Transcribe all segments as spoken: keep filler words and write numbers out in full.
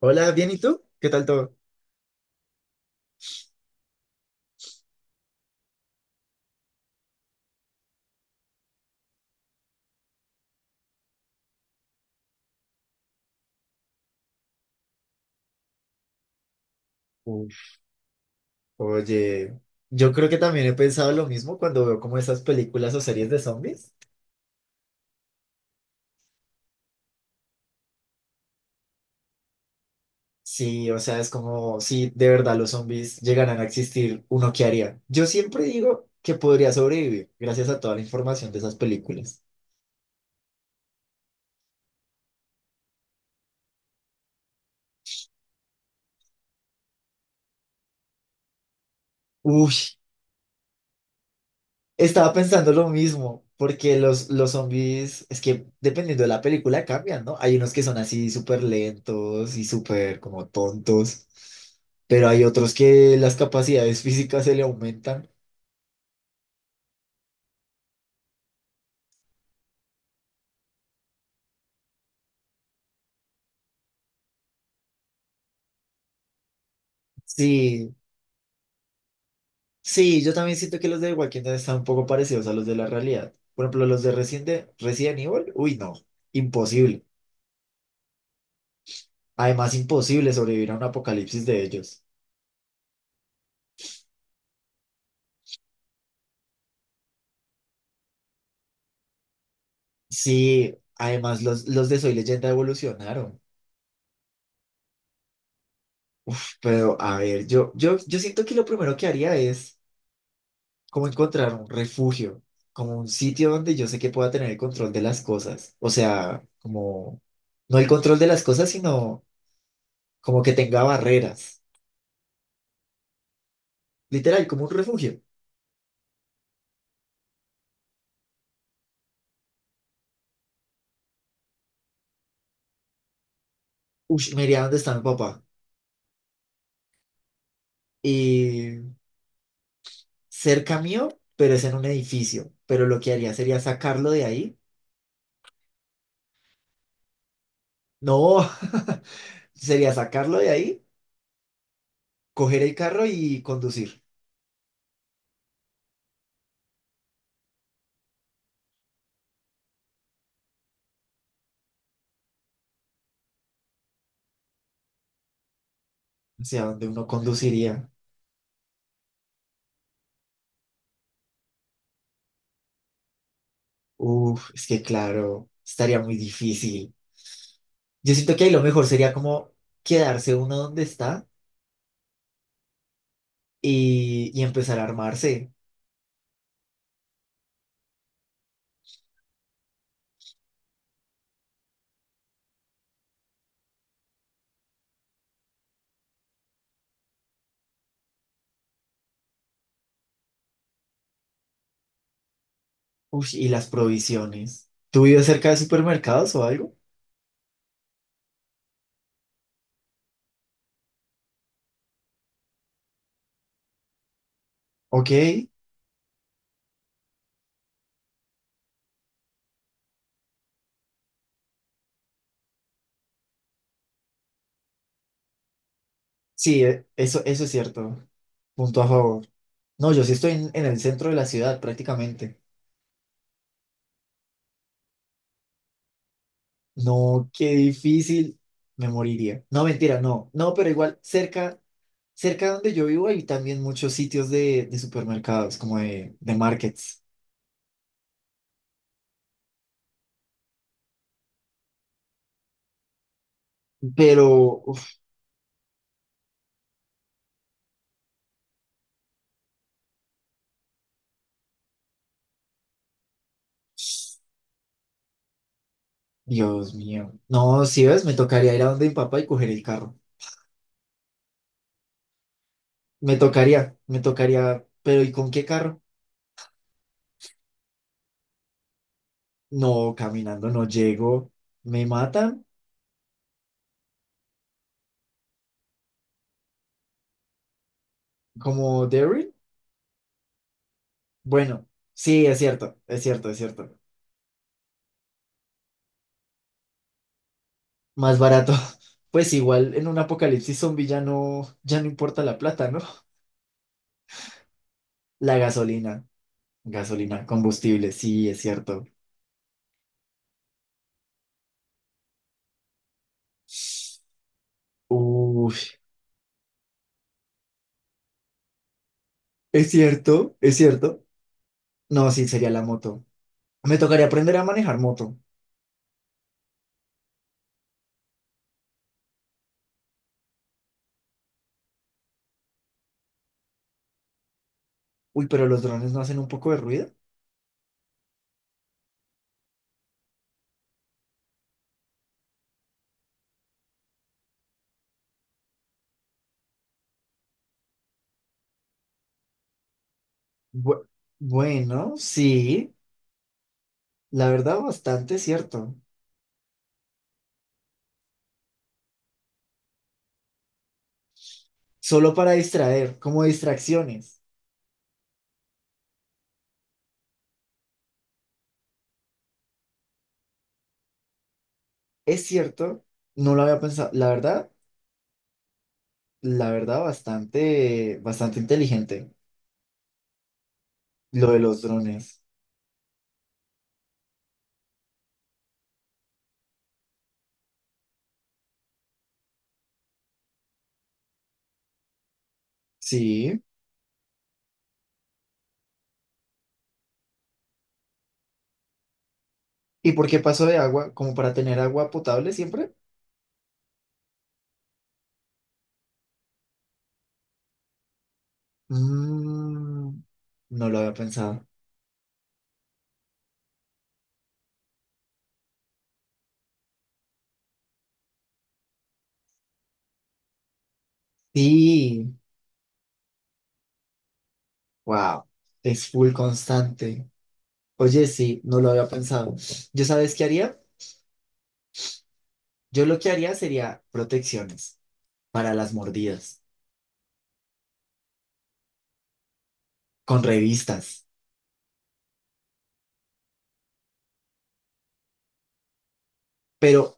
Hola, bien, ¿y tú? ¿Qué tal todo? Uf. Oye, yo creo que también he pensado lo mismo cuando veo como esas películas o series de zombies. Sí, o sea, es como si de verdad los zombies llegaran a existir, uno qué haría. Yo siempre digo que podría sobrevivir gracias a toda la información de esas películas. Uy. Estaba pensando lo mismo, porque los, los zombies, es que dependiendo de la película cambian, ¿no? Hay unos que son así súper lentos y súper como tontos, pero hay otros que las capacidades físicas se le aumentan. Sí, sí, yo también siento que los de Walking Dead están un poco parecidos a los de la realidad. Por ejemplo, los de Resident, de- Resident Evil, uy, no, imposible. Además, imposible sobrevivir a un apocalipsis de ellos. Sí, además los, los de Soy Leyenda evolucionaron. Pero, a ver, yo, yo, yo siento que lo primero que haría es como encontrar un refugio, como un sitio donde yo sé que pueda tener el control de las cosas. O sea, como, no el control de las cosas, sino como que tenga barreras. Literal, como un refugio. Ush, me iría donde está mi papá. Y cerca mío, pero es en un edificio. Pero lo que haría sería sacarlo de ahí. No, sería sacarlo de ahí, coger el carro y conducir. O sea, donde uno conduciría. Uf, es que claro, estaría muy difícil. Yo siento que ahí lo mejor sería como quedarse uno donde está y, y empezar a armarse. Uf, y las provisiones. ¿Tú vives cerca de supermercados o algo? Ok, sí, e- eso, eso es cierto. Punto a favor. No, yo sí estoy en, en, el centro de la ciudad prácticamente. No, qué difícil. Me moriría. No, mentira, no. No, pero igual cerca, cerca, donde yo vivo hay también muchos sitios de, de supermercados, como de, de markets. Pero, uf. Dios mío. No, si ves, me tocaría ir a donde mi papá y coger el carro. Me tocaría, me tocaría. Pero ¿y con qué carro? No, caminando no llego. ¿Me matan? ¿Como Derry? Bueno, sí, es cierto, es cierto, es cierto. Más barato. Pues igual en un apocalipsis zombie ya no, ya no importa la plata, ¿no? La gasolina, gasolina, combustible, sí, es cierto. Uy, es cierto, es cierto. No, sí, sería la moto. Me tocaría aprender a manejar moto. Uy, pero los drones no hacen un poco de ruido. Bu- bueno, sí, la verdad bastante cierto. Solo para distraer, como distracciones. Es cierto, no lo había pensado. La verdad, la verdad bastante, bastante inteligente lo de los drones. Sí. ¿Y por qué paso de agua? ¿Como para tener agua potable siempre? Mm, no lo había pensado. Sí, wow, es full constante. Oye, sí, no lo había pensado. ¿Yo sabes qué haría? Yo lo que haría sería protecciones para las mordidas, con revistas, pero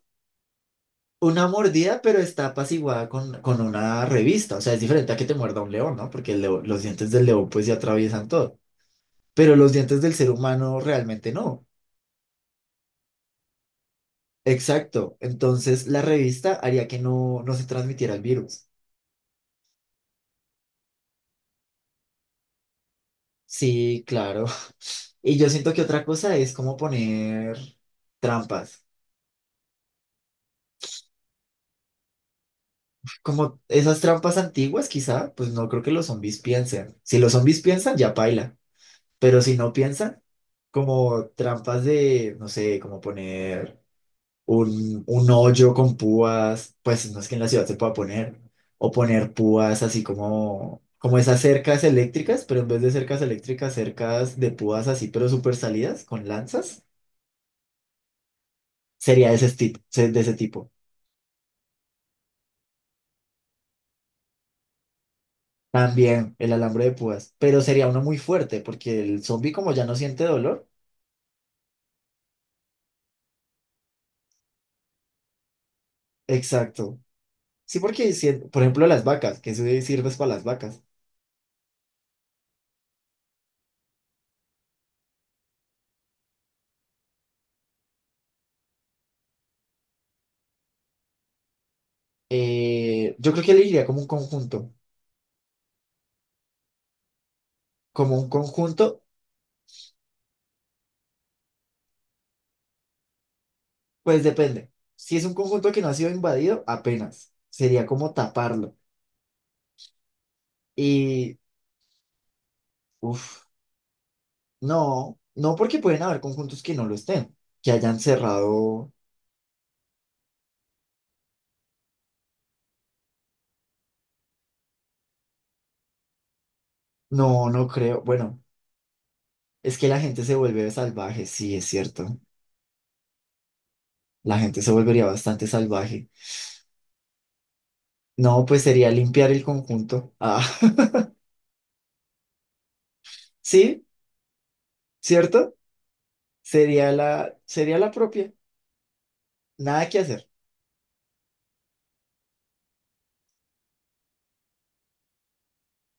una mordida, pero está apaciguada con, con una revista. O sea, es diferente a que te muerda un león, ¿no? Porque el leo- los dientes del león pues ya atraviesan todo, pero los dientes del ser humano realmente no. Exacto. Entonces, la revista haría que no, no se transmitiera el virus. Sí, claro. Y yo siento que otra cosa es como poner trampas. Como esas trampas antiguas, quizá, pues no creo que los zombies piensen. Si los zombies piensan, ya paila. Pero si no piensan, como trampas de, no sé, como poner un, un hoyo con púas, pues no es que en la ciudad se pueda poner. O poner púas así como, como esas cercas eléctricas, pero en vez de cercas eléctricas, cercas de púas así, pero súper salidas, con lanzas, sería de ese tipo, de ese tipo. También el alambre de púas, pero sería uno muy fuerte porque el zombie como ya no siente dolor. Exacto. Sí, porque, si- por ejemplo, las vacas, que eso de sirves para las vacas. Eh, yo creo que elegiría como un conjunto. Como un conjunto, pues depende. Si es un conjunto que no ha sido invadido, apenas. Sería como taparlo. Y, uff, no, no porque pueden haber conjuntos que no lo estén, que hayan cerrado. No, no creo. Bueno, es que la gente se vuelve salvaje, sí, es cierto. La gente se volvería bastante salvaje. No, pues sería limpiar el conjunto. Ah, sí, ¿cierto? Sería la, sería la propia, nada que hacer.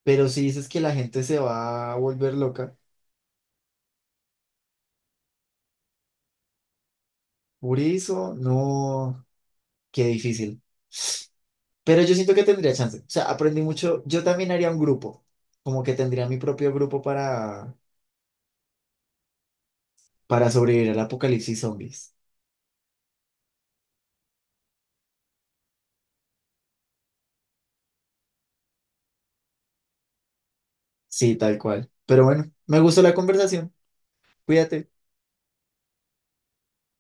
Pero si dices que la gente se va a volver loca, por eso, no, qué difícil. Pero yo siento que tendría chance. O sea, aprendí mucho. Yo también haría un grupo, como que tendría mi propio grupo para, para, sobrevivir al apocalipsis zombies. Sí, tal cual. Pero bueno, me gustó la conversación. Cuídate.